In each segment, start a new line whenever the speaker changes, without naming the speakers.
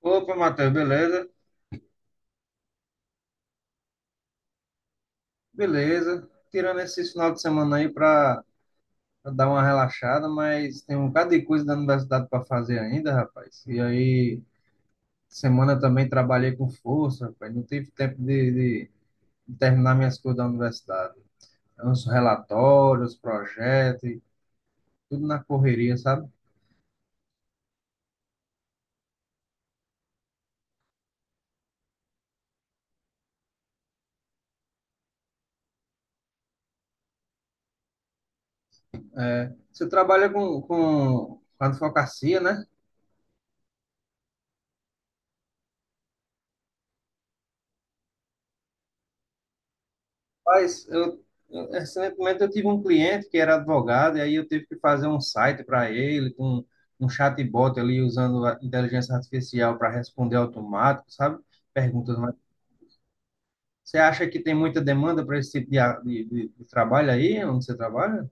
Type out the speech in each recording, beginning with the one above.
Opa, Matheus, beleza? Beleza. Tirando esse final de semana aí pra dar uma relaxada, mas tem um bocado de coisa da universidade para fazer ainda, rapaz. E aí, semana também trabalhei com força, rapaz. Não tive tempo de- de terminar minhas coisas da universidade. Os relatórios, projetos, e tudo na correria, sabe? É, você trabalha com advocacia, né? Mas recentemente eu tive um cliente que era advogado, e aí eu tive que fazer um site para ele, com um chatbot ali, usando a inteligência artificial para responder automático, sabe? Perguntas. Mas você acha que tem muita demanda para esse tipo de, a- de, de trabalho aí, onde você trabalha?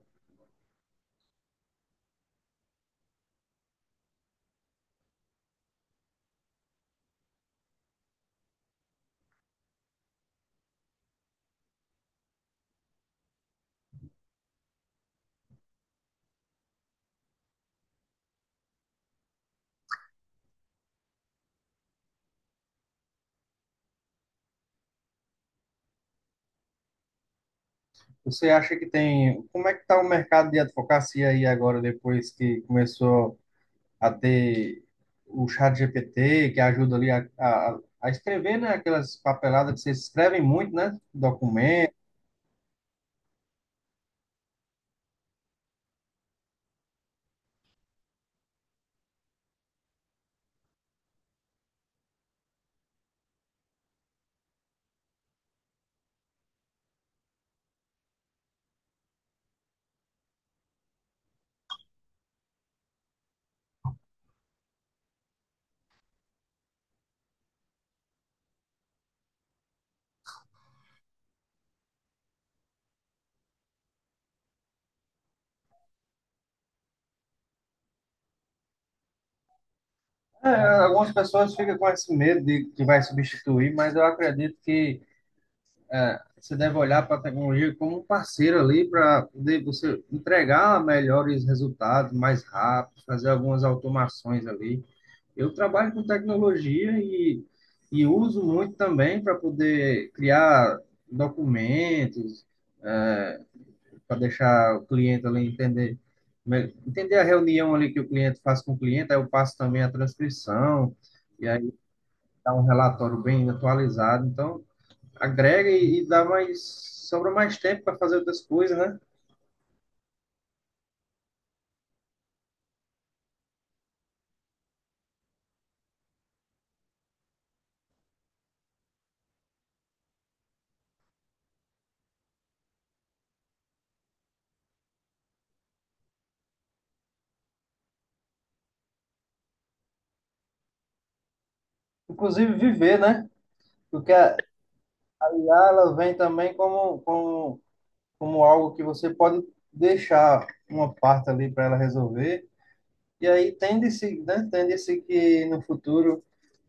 Você acha que tem. Como é que está o mercado de advocacia aí agora, depois que começou a ter o chat GPT, que ajuda ali a escrever, né? Aquelas papeladas que vocês escrevem muito, né? Documento. É, algumas pessoas ficam com esse medo de que vai substituir, mas eu acredito que é, você deve olhar para a tecnologia como um parceiro ali para poder você entregar melhores resultados mais rápido, fazer algumas automações ali. Eu trabalho com tecnologia e uso muito também para poder criar documentos, é, para deixar o cliente ali entender, entender a reunião ali que o cliente faz com o cliente, aí eu passo também a transcrição, e aí dá um relatório bem atualizado. Então, agrega e dá mais, sobra mais tempo para fazer outras coisas, né? Inclusive viver, né? Porque a IA ela vem também como algo que você pode deixar uma parte ali para ela resolver. E aí tende-se, né? Tende-se que no futuro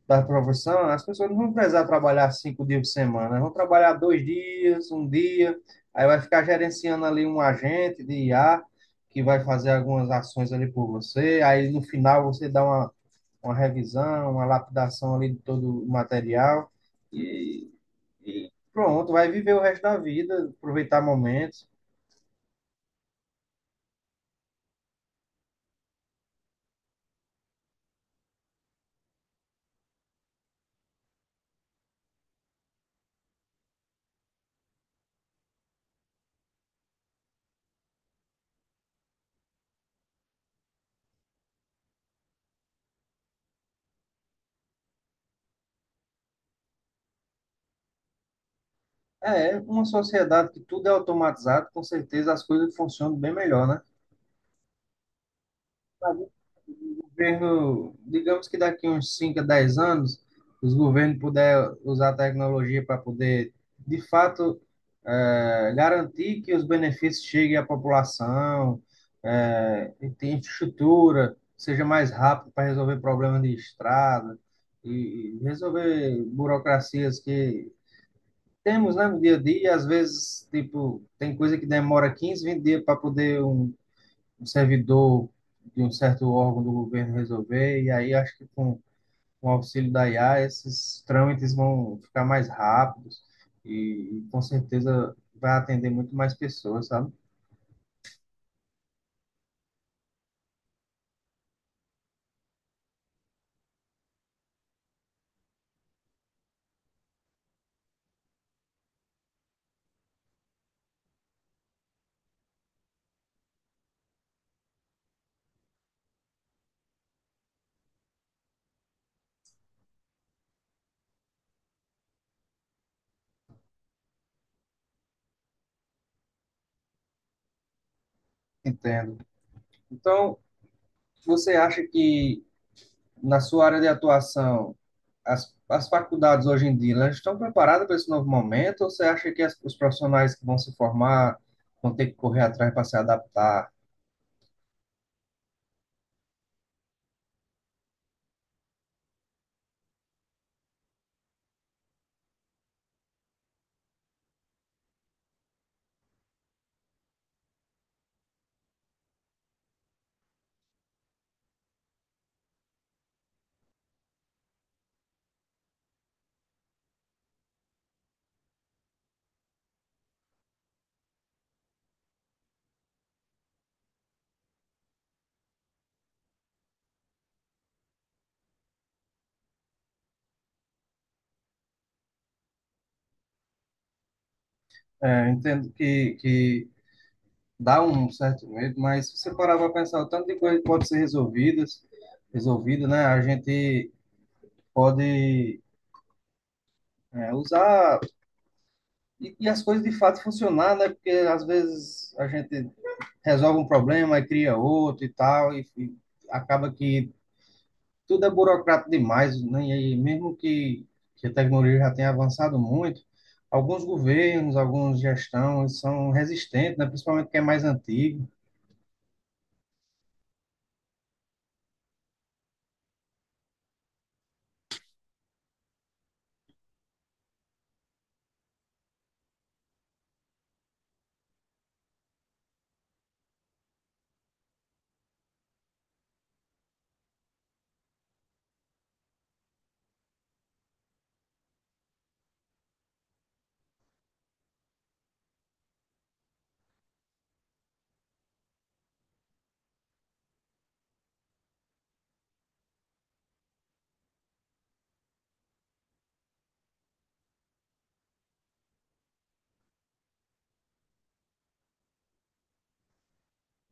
da profissão, as pessoas não vão precisar trabalhar 5 dias por semana, vão trabalhar 2 dias, um dia, aí vai ficar gerenciando ali um agente de IA que vai fazer algumas ações ali por você, aí no final você dá uma revisão, uma lapidação ali de todo o material e, e pronto, vai viver o resto da vida, aproveitar momentos. É, uma sociedade que tudo é automatizado, com certeza as coisas funcionam bem melhor, né? Governo, digamos que daqui uns 5 a 10 anos, os governos puder usar a tecnologia para poder, de fato, garantir que os benefícios cheguem à população, e tenha infraestrutura, seja mais rápido para resolver problemas de estrada e resolver burocracias que temos, né, no dia a dia, e às vezes, tipo, tem coisa que demora 15, 20 dias para poder um servidor de um certo órgão do governo resolver, e aí acho que com o auxílio da IA esses trâmites vão ficar mais rápidos e com certeza vai atender muito mais pessoas, sabe? Entendo. Então, você acha que na sua área de atuação as faculdades hoje em dia elas estão preparadas para esse novo momento ou você acha que os profissionais que vão se formar vão ter que correr atrás para se adaptar? É, eu entendo que dá um certo medo, mas se você parar para pensar, o tanto de coisa que pode ser resolvida, né? A gente pode usar e as coisas de fato funcionar, né? Porque às vezes a gente resolve um problema e cria outro e tal, e acaba que tudo é burocrático demais, né? E mesmo que a tecnologia já tenha avançado muito, alguns governos, algumas gestões são resistentes, né? Principalmente quem é mais antigo.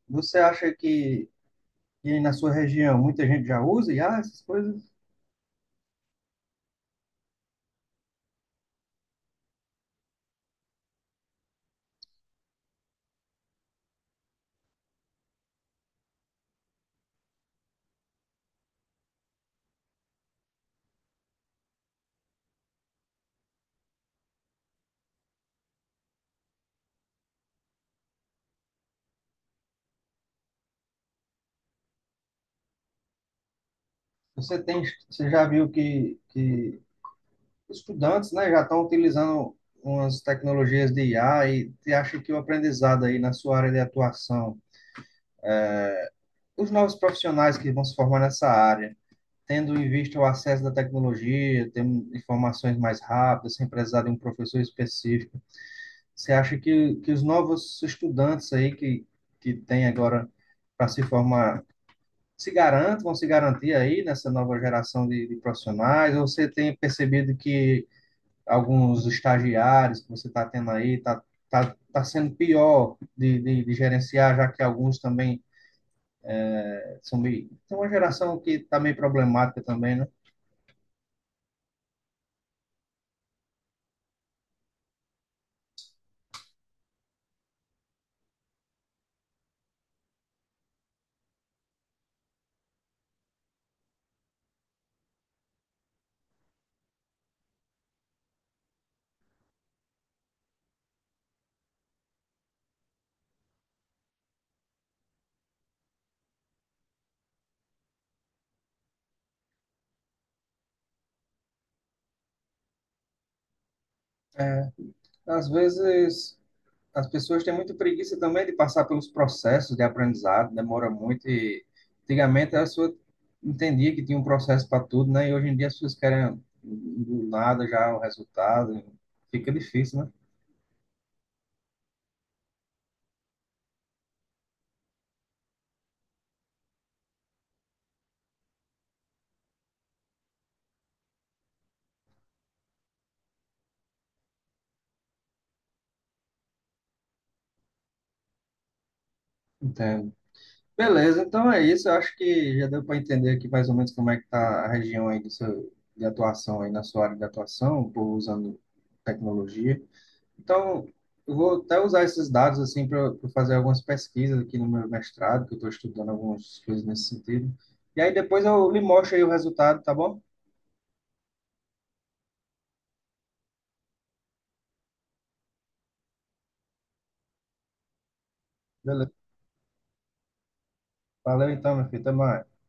Você acha que e na sua região muita gente já usa e ah, essas coisas você tem você já viu que estudantes né já estão utilizando umas tecnologias de IA e você acha que o aprendizado aí na sua área de atuação os novos profissionais que vão se formar nessa área tendo em vista o acesso da tecnologia tendo informações mais rápidas sem precisar de um professor específico você acha que os novos estudantes aí que tem agora para se formar se garantam, vão se garantir aí nessa nova geração de profissionais? Ou você tem percebido que alguns estagiários que você está tendo aí está tá sendo pior de gerenciar, já que alguns também são meio. Tem uma geração que está meio problemática também, né? É, às vezes as pessoas têm muita preguiça também de passar pelos processos de aprendizado, demora muito e antigamente a pessoa entendia que tinha um processo para tudo, né? E hoje em dia as pessoas querem do nada já o resultado, fica difícil, né? Entendo. Beleza, então é isso. Eu acho que já deu para entender aqui mais ou menos como é que está a região aí do seu, de atuação aí na sua área de atuação, o povo usando tecnologia. Então, eu vou até usar esses dados assim para fazer algumas pesquisas aqui no meu mestrado, que eu estou estudando algumas coisas nesse sentido. E aí depois eu lhe mostro aí o resultado, tá bom? Beleza. Valeu então, meu filho. Até mais.